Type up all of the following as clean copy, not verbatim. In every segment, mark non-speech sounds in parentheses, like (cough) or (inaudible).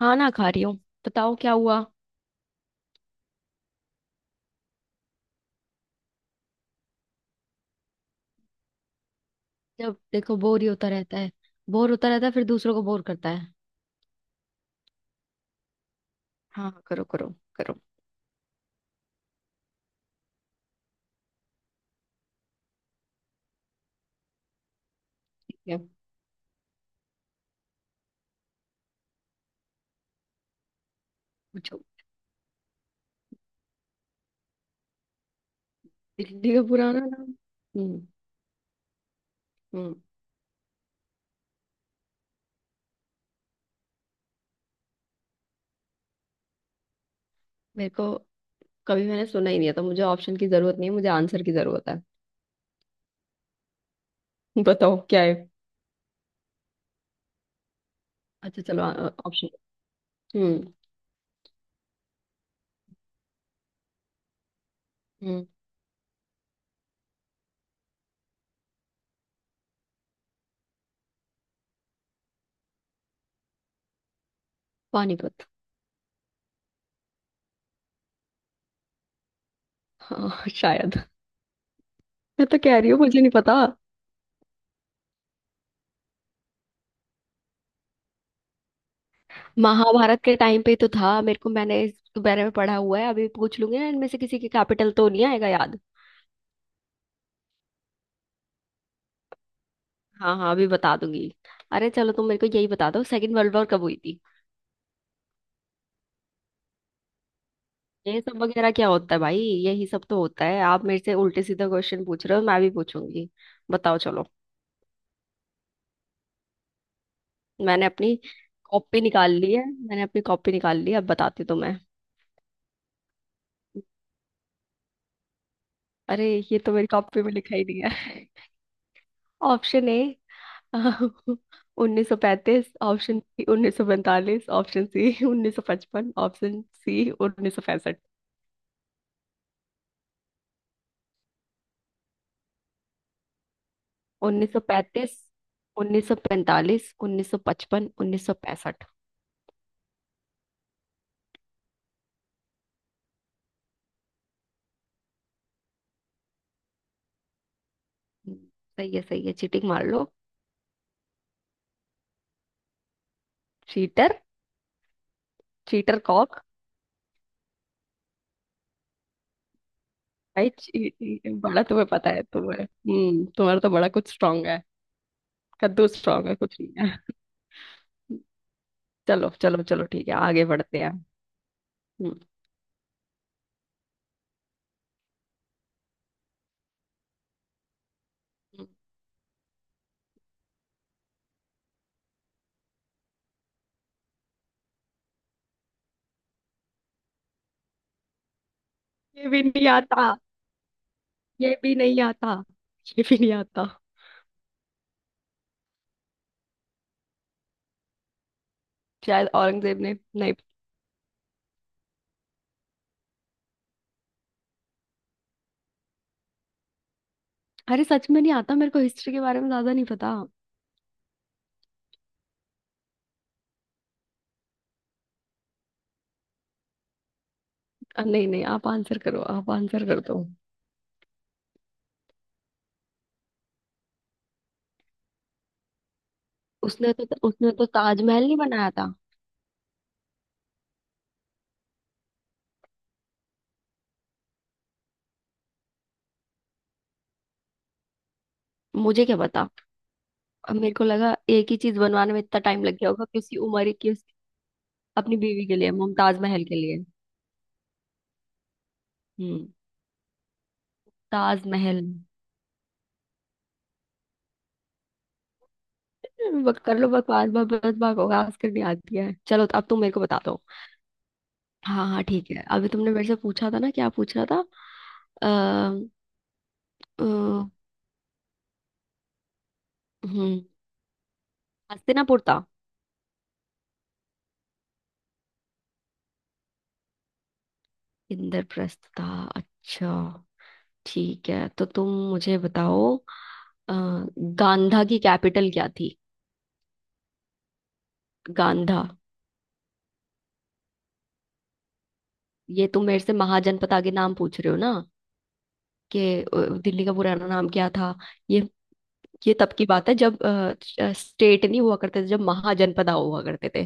हाँ ना खा रही हूँ। बताओ क्या हुआ। जब देखो बोर ही होता रहता है। बोर होता रहता है फिर दूसरों को बोर करता है। हाँ करो करो। करो। ठीक है। पूछो दिल्ली का पुराना नाम। हम्म हम्म मेरे को कभी मैंने सुना ही नहीं है तो मुझे ऑप्शन की जरूरत नहीं है मुझे आंसर की जरूरत है। (laughs) बताओ क्या है। अच्छा चलो। ऑप्शन हम्म हम्म पानीपत। हाँ शायद। मैं तो कह रही हूँ मुझे नहीं पता। महाभारत के टाइम पे तो था मेरे को, मैंने इस बारे में पढ़ा हुआ है, अभी पूछ लूंगी ना इनमें से किसी के कैपिटल तो नहीं आएगा याद। हाँ हाँ अभी बता दूंगी। अरे चलो तुम मेरे को यही बता दो, सेकंड वर्ल्ड वॉर कब हुई थी। ये सब वगैरह क्या होता है भाई। यही सब तो होता है, आप मेरे से उल्टे सीधे क्वेश्चन पूछ रहे हो मैं भी पूछूंगी। बताओ चलो। मैंने अपनी कॉपी निकाल ली है, मैंने अपनी कॉपी निकाल ली है, अब बताती हूँ तुम्हें। अरे ये तो मेरी कॉपी में लिखा ही नहीं है। (laughs) ऑप्शन ए (laughs) उन्नीस सौ पैंतीस, option B 1945, option C 1955, option C 1965। 1935, 1945, 1955, 1965। सही है सही है, चीटिंग मार लो। चीटर। चीटर कॉक। भाई चीटिंग बड़ा तुम्हें पता है तुम्हें, तुम्हारा तो बड़ा कुछ स्ट्रांग है। कद्दू स्ट्रांग है, कुछ नहीं है। चलो चलो चलो, ठीक है आगे बढ़ते हैं। हम्म। हम्म। ये भी नहीं आता। ये भी नहीं आता। ये भी नहीं आता। शायद औरंगजेब ने नहीं। अरे सच में नहीं आता मेरे को, हिस्ट्री के बारे में ज्यादा नहीं पता। नहीं नहीं आप आंसर करो, आप आंसर कर दो। उसने तो ताजमहल नहीं बनाया था। मुझे क्या पता। अब मेरे को लगा एक ही चीज बनवाने में इतना टाइम लग गया होगा कि उसकी उम्र ही की उस, अपनी बीवी के लिए, मुमताज महल के लिए। हम्म। ताजमहल। बक कर लो बकवास, बस बस बकवास करनी आती है, चलो अब तुम मेरे को बता दो। हाँ हाँ ठीक है, अभी तुमने मेरे से पूछा था ना, क्या पूछ रहा था। अः हम्म हस्तिनापुर था। इंद्रप्रस्थ था। अच्छा। ठीक है, तो तुम मुझे बताओ गांधा की कैपिटल क्या थी। गांधा। ये तुम मेरे से महाजनपद के नाम पूछ रहे हो ना, कि दिल्ली का पुराना नाम क्या था। ये ये तब की बात है जब स्टेट नहीं हुआ करते थे, जब महाजनपद हुआ करते थे।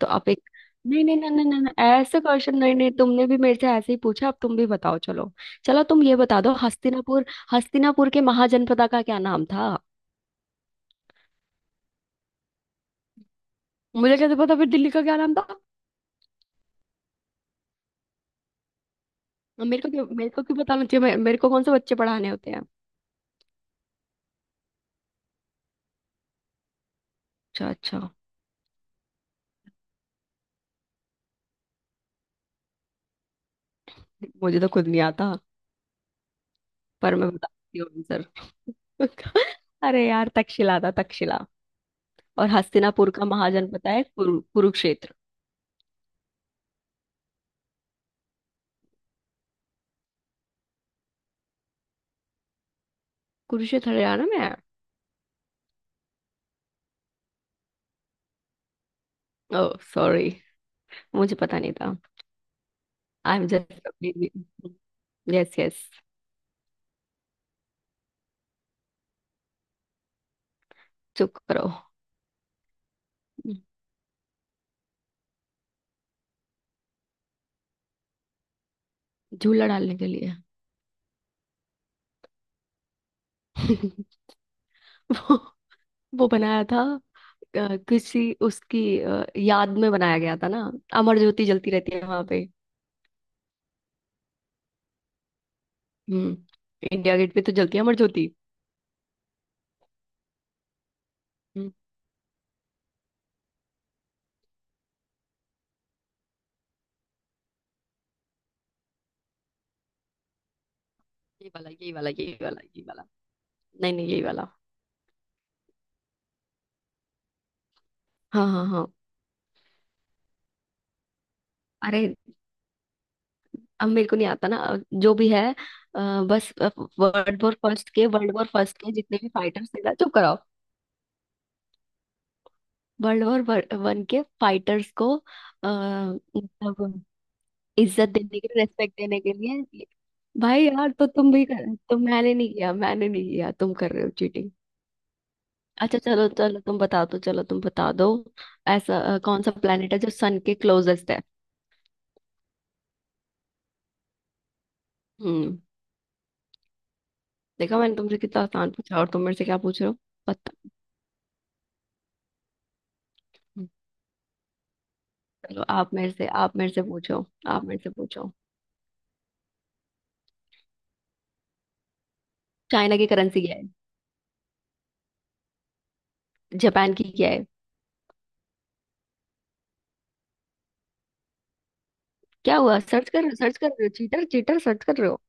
तो आप एक, नहीं नहीं नहीं नहीं नहीं नहीं, ऐसे क्वेश्चन, नहीं नहीं, तुमने भी मेरे से ऐसे ही पूछा अब तुम भी बताओ चलो। चलो तुम ये बता दो, हस्तिनापुर, हस्तिनापुर के महाजनपदा का क्या नाम था। मुझे कैसे पता फिर दिल्ली का क्या नाम था। मेरे को क्यों, मेरे को क्यों बताना चाहिए, मेरे को कौन से बच्चे पढ़ाने होते हैं। अच्छा अच्छा। मुझे तो खुद नहीं आता, पर मैं बताती हूँ आंसर। (laughs) अरे यार, तक्षशिला था तक्षशिला। और हस्तिनापुर का महाजन पता है, कुरुक्षेत्र। कुरुक्षेत्र हरियाणा में है। ओह सॉरी, मुझे पता नहीं था। I am just, yes yes, चुप करो। झूला डालने के लिए। (laughs) वो वो बनाया था किसी उसकी याद में बनाया गया था ना, अमर ज्योति जलती रहती है वहां पे। हम्म। इंडिया गेट पे तो जलती है अमर ज्योति। हम्म, ये वाला, यही वाला, यही वाला, यही वाला। नहीं नहीं, यही वाला। हाँ हाँ हाँ। अरे अब मेरे को नहीं आता ना, जो भी है, बस। वर्ल्ड वॉर फर्स्ट के जितने भी फाइटर्स थे ना, चुप कराओ। वर्ल्ड वॉर वन के फाइटर्स को मतलब इज्जत देने के लिए, रेस्पेक्ट देने के लिए। भाई यार तो तुम भी कर, तुम, मैंने नहीं किया, मैंने नहीं किया, तुम कर रहे हो चीटिंग। अच्छा चलो चलो तुम बता दो, चलो तुम बता दो, ऐसा कौन सा प्लेनेट है जो सन के क्लोजेस्ट है। हम्म। देखा, मैंने तुमसे कितना आसान पूछा और तुम मेरे से क्या पूछ रहे हो। पता। चलो आप मेरे से, आप मेरे से पूछो, आप मेरे से पूछो। चाइना की करेंसी क्या है। जापान की क्या है। क्या हुआ, सर्च कर रहे हो, सर्च कर रहे हो, चीटर चीटर, सर्च कर रहे हो।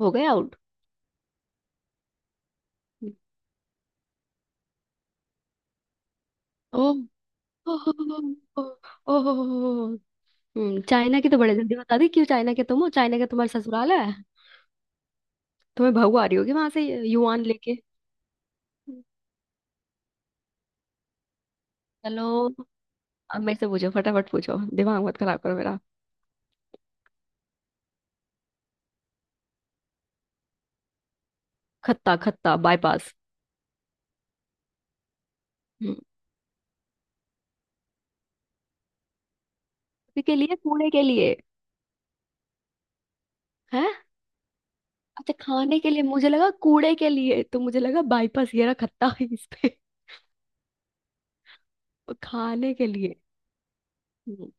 हो गए आउट। ओ। ओह। चाइना की तो बड़े जल्दी बता दी, क्यों, चाइना के तुम हो, चाइना के तुम्हारा ससुराल है, तुम्हें बहू आ रही होगी वहां से युआन लेके। चलो अब मेरे से पूछो, फटाफट पूछो, दिमाग मत खराब करो मेरा। खत्ता खत्ता बाईपास। हम्म के लिए, कूड़े के लिए है। अच्छा खाने के लिए, मुझे लगा कूड़े के लिए, तो मुझे लगा बाईपास ये रहा खत्ता है (laughs) इस पे। और खाने के लिए। हम्म,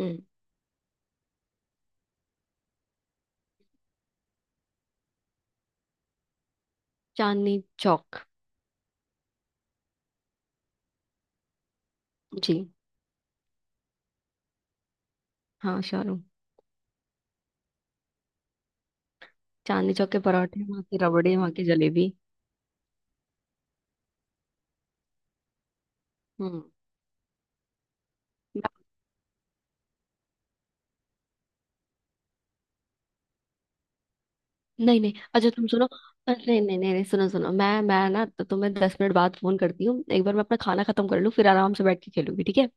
हम्म चांदनी चौक। जी। हाँ शाहरुख। चांदनी चौक के पराठे, वहाँ की रबड़ी, वहाँ की जलेबी। हम्म। मैं-, नहीं नहीं, अच्छा तुम सुनो, नहीं नहीं नहीं नहीं, सुनो सुनो, मैं ना, तो तुम्हें 10 मिनट बाद फोन करती हूँ, एक बार मैं अपना खाना खत्म कर लूँ फिर आराम से बैठ के खेलूंगी, ठीक है।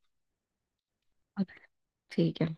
ठीक है।